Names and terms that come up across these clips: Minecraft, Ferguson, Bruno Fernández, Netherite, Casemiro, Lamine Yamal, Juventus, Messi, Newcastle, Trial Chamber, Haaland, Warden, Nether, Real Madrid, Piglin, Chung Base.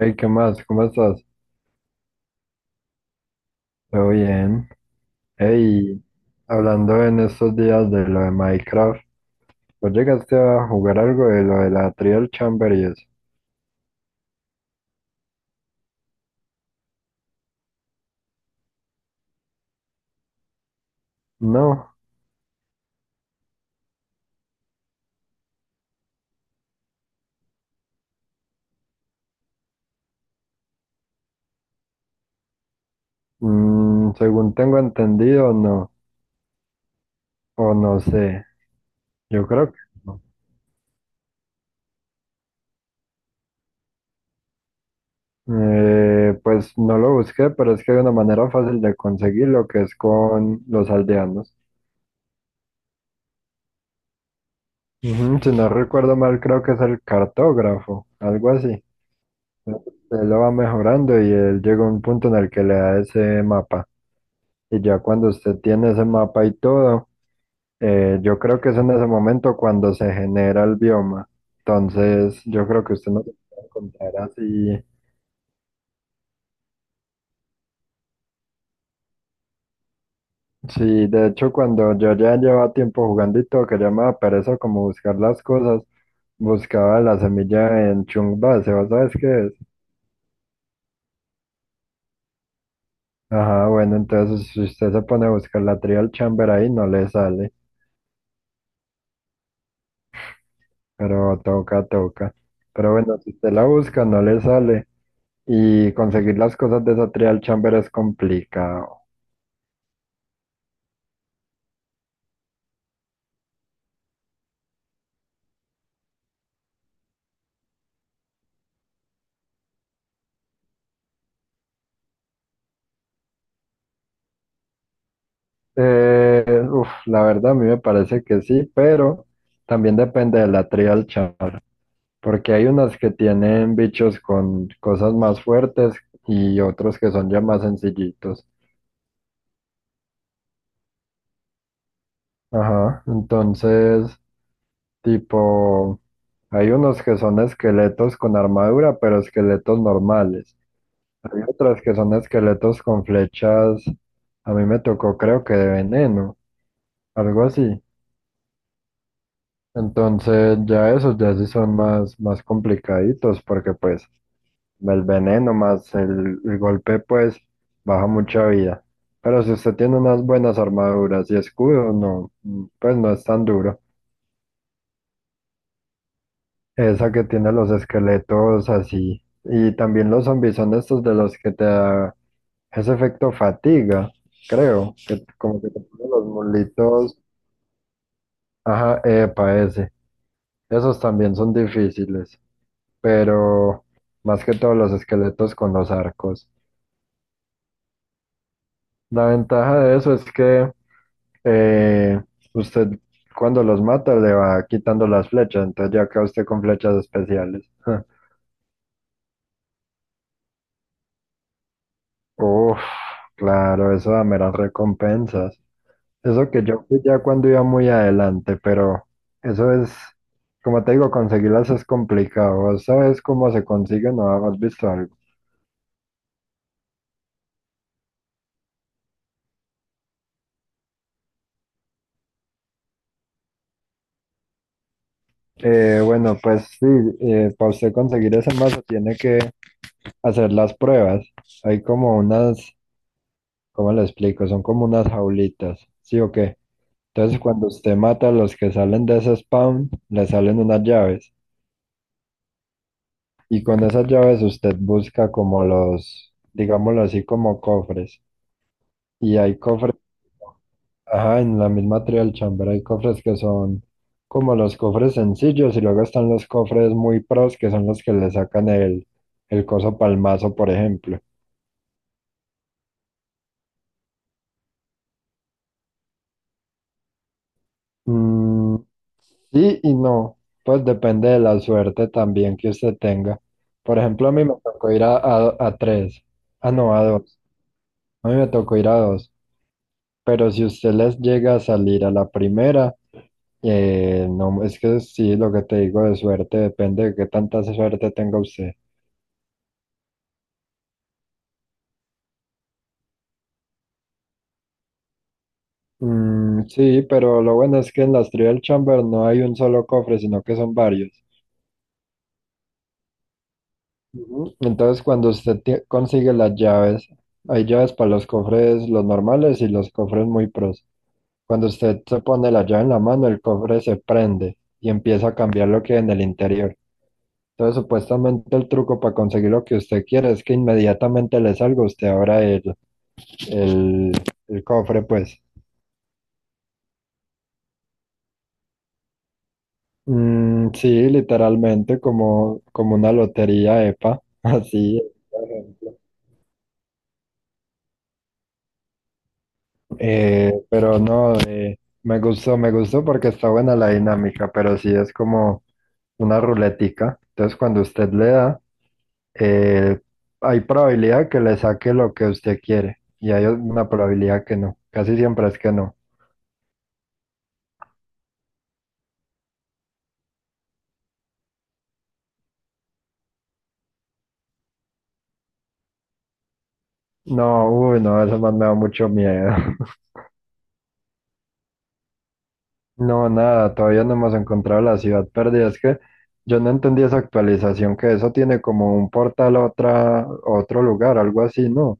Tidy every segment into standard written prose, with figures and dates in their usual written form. Hey, ¿qué más? ¿Cómo estás? Todo bien. Hey, hablando en estos días de lo de Minecraft, ¿vos llegaste a jugar algo de lo de la Trial Chamber y eso? No. Mm, según tengo entendido, no, o no sé, yo creo que no. Pues no lo busqué, pero es que hay una manera fácil de conseguirlo que es con los aldeanos. Ujú, si no recuerdo mal, creo que es el cartógrafo, algo así. Usted lo va mejorando y él llega a un punto en el que le da ese mapa. Y ya cuando usted tiene ese mapa y todo, yo creo que es en ese momento cuando se genera el bioma. Entonces, yo creo que usted no se puede encontrar así. Sí, de hecho, cuando yo ya llevaba tiempo jugando y todo, que ya me daba pereza como buscar las cosas, buscaba la semilla en Chung Base, ¿vos sabes qué es? Ajá, bueno, entonces si usted se pone a buscar la Trial Chamber ahí, no le sale. Pero toca, toca. Pero bueno, si usted la busca, no le sale. Y conseguir las cosas de esa trial chamber es complicado. Eh, la verdad a mí me parece que sí, pero también depende de la trial chamber. Porque hay unas que tienen bichos con cosas más fuertes y otros que son ya más sencillitos. Ajá, entonces, tipo, hay unos que son esqueletos con armadura, pero esqueletos normales. Hay otras que son esqueletos con flechas. A mí me tocó, creo que de veneno, algo así. Entonces, ya esos ya sí son más, más complicaditos, porque pues el veneno más el golpe, pues baja mucha vida. Pero si usted tiene unas buenas armaduras y escudo, no, pues no es tan duro. Esa que tiene los esqueletos así. Y también los zombies son estos de los que te ese efecto fatiga, creo, que como que te ponen los mulitos, ajá, epa, ese. Esos también son difíciles, pero más que todos los esqueletos con los arcos. La ventaja de eso es que eh, usted cuando los mata le va quitando las flechas, entonces ya queda usted con flechas especiales. Uf, claro, eso da meras recompensas. Eso que yo fui ya cuando iba muy adelante, pero eso es, como te digo, conseguirlas es complicado. ¿Vos sabes cómo se consiguen? ¿No has visto algo? Bueno, pues sí, para usted conseguir esa masa tiene que hacer las pruebas. Hay como unas, ¿cómo le explico? Son como unas jaulitas, ¿sí o qué? Entonces cuando usted mata a los que salen de ese spawn, le salen unas llaves. Y con esas llaves usted busca como los, digámoslo así, como cofres. Y hay cofres. Ajá, en la misma Trial Chamber hay cofres que son como los cofres sencillos y luego están los cofres muy pros que son los que le sacan el coso palmazo, por ejemplo. Mm, sí y no, pues depende de la suerte también que usted tenga. Por ejemplo, a mí me tocó ir a tres, ah no, a dos, a mí me tocó ir a dos, pero si usted les llega a salir a la primera, no, es que sí, lo que te digo de suerte depende de qué tanta suerte tenga usted. Mm, sí, pero lo bueno es que en las Trial Chamber no hay un solo cofre, sino que son varios. Ujú. Entonces, cuando consigue las llaves, hay llaves para los cofres, los normales y los cofres muy pros. Cuando usted se pone la llave en la mano, el cofre se prende y empieza a cambiar lo que hay en el interior. Entonces, supuestamente el truco para conseguir lo que usted quiere es que inmediatamente le salga, usted abra el, el cofre, pues. Mm, sí, literalmente como, como una lotería EPA, así. Pero no, me gustó porque está buena la dinámica, pero sí es como una ruletica. Entonces cuando usted le da, eh, hay probabilidad que le saque lo que usted quiere y hay una probabilidad que no. Casi siempre es que no. No, uy, no, eso más me da mucho miedo. No, nada, todavía no hemos encontrado la ciudad perdida. Es que yo no entendí esa actualización, que eso tiene como un portal a otra, a otro lugar, algo así, ¿no?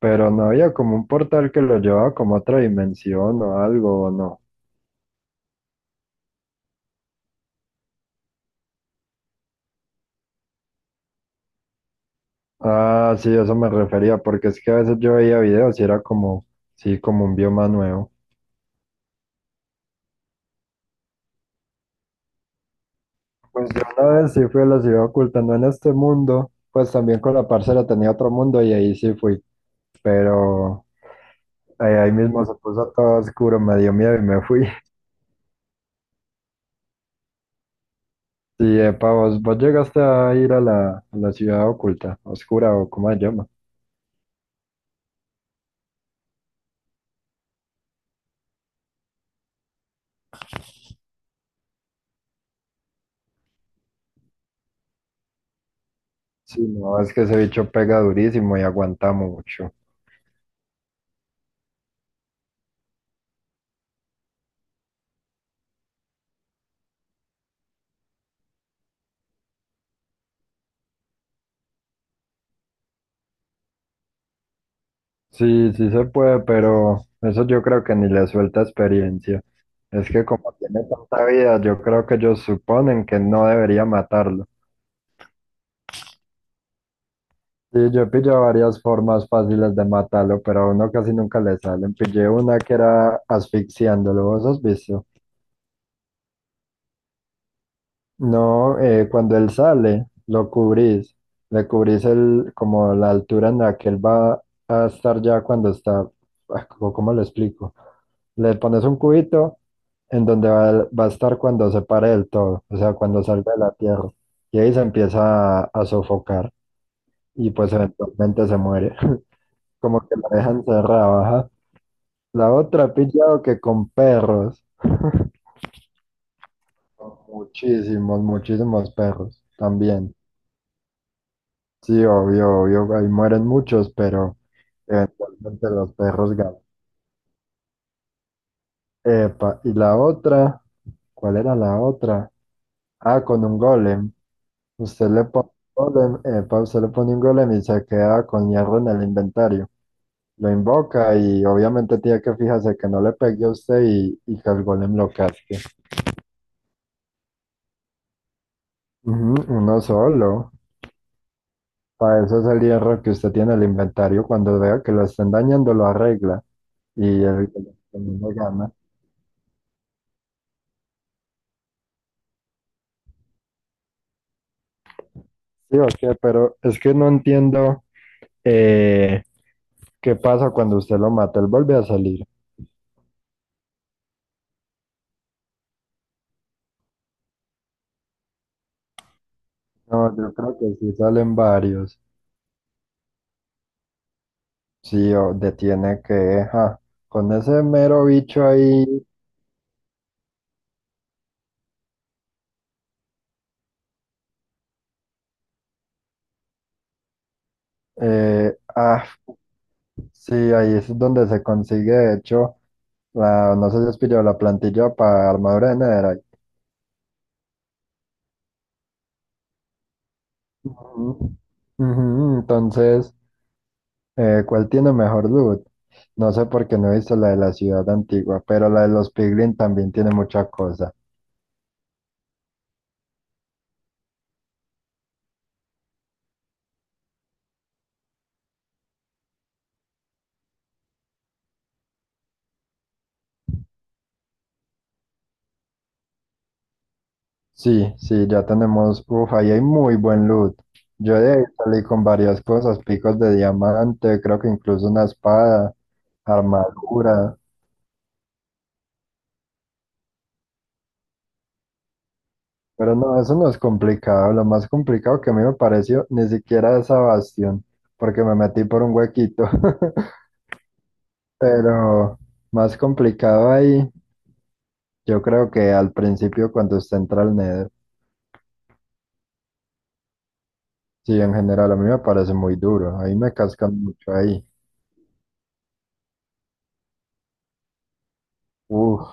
Pero no había como un portal que lo llevaba como a otra dimensión o algo, ¿o no? Ah, sí, eso me refería, porque es que a veces yo veía videos y era como, sí, como un bioma nuevo. Pues yo una vez sí fui a la ciudad oculta, no en este mundo, pues también con la parcera tenía otro mundo y ahí sí fui, pero ahí mismo se puso todo oscuro, me dio miedo y me fui. Sí, epa, vos llegaste a ir a la ciudad oculta, oscura o como se llama. Sí, no, es que ese bicho pega durísimo y aguanta mucho. Sí, sí se puede, pero eso yo creo que ni le suelta experiencia. Es que como tiene tanta vida, yo creo que ellos suponen que no debería matarlo. Sí, yo he pillado varias formas fáciles de matarlo, pero a uno casi nunca le salen. Pillé una que era asfixiándolo, ¿vos has visto? No, cuando él sale, lo cubrís, le cubrís el, como la altura en la que él va a estar ya cuando está, ah, ¿cómo le explico? Le pones un cubito en donde va a estar cuando se pare del todo, o sea, cuando salga de la tierra. Y ahí se empieza a sofocar y pues eventualmente se muere. Como que la dejan cerrada, ajá. La otra he pillado que con perros. Muchísimos, muchísimos perros también. Sí, obvio, obvio, ahí mueren muchos, pero eventualmente los perros ganan. Epa, y la otra, ¿cuál era la otra? Ah, con un golem. Usted le pone un golem, epa, usted le pone un golem y se queda con hierro en el inventario. Lo invoca y obviamente tiene que fijarse que no le pegue a usted y que el golem lo casque. Ujú, uno solo. Para eso es el hierro que usted tiene en el inventario. Cuando vea que lo estén dañando, lo arregla y el que no gana. Sí, ok, pero es que no entiendo eh, qué pasa cuando usted lo mata. Él vuelve a salir. No, yo creo que sí salen varios. Sí, o detiene que, ja, con ese mero bicho ahí, eh, ah, sí, ahí es donde se consigue, de hecho, la, no sé si es pillado la plantilla para armadura de Netherite. Ujú. Ujú, entonces, ¿cuál tiene mejor loot? No sé por qué no he visto la de la ciudad antigua, pero la de los Piglin también tiene mucha cosa. Sí, sí, ya tenemos, uff, ahí hay muy buen loot. Yo de ahí salí con varias cosas, picos de diamante, creo que incluso una espada, armadura, pero no, eso no es complicado. Lo más complicado que a mí me pareció ni siquiera esa bastión, porque me metí por un huequito. Pero más complicado ahí, yo creo que al principio cuando usted entra al Nether. Sí, en general, a mí me parece muy duro. Ahí me cascan mucho ahí. Uf,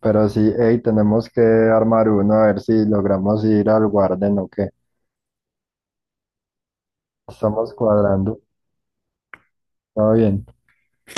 pero sí, hey, tenemos que armar uno a ver si logramos ir al Guarden o qué. Estamos cuadrando. Todo bien.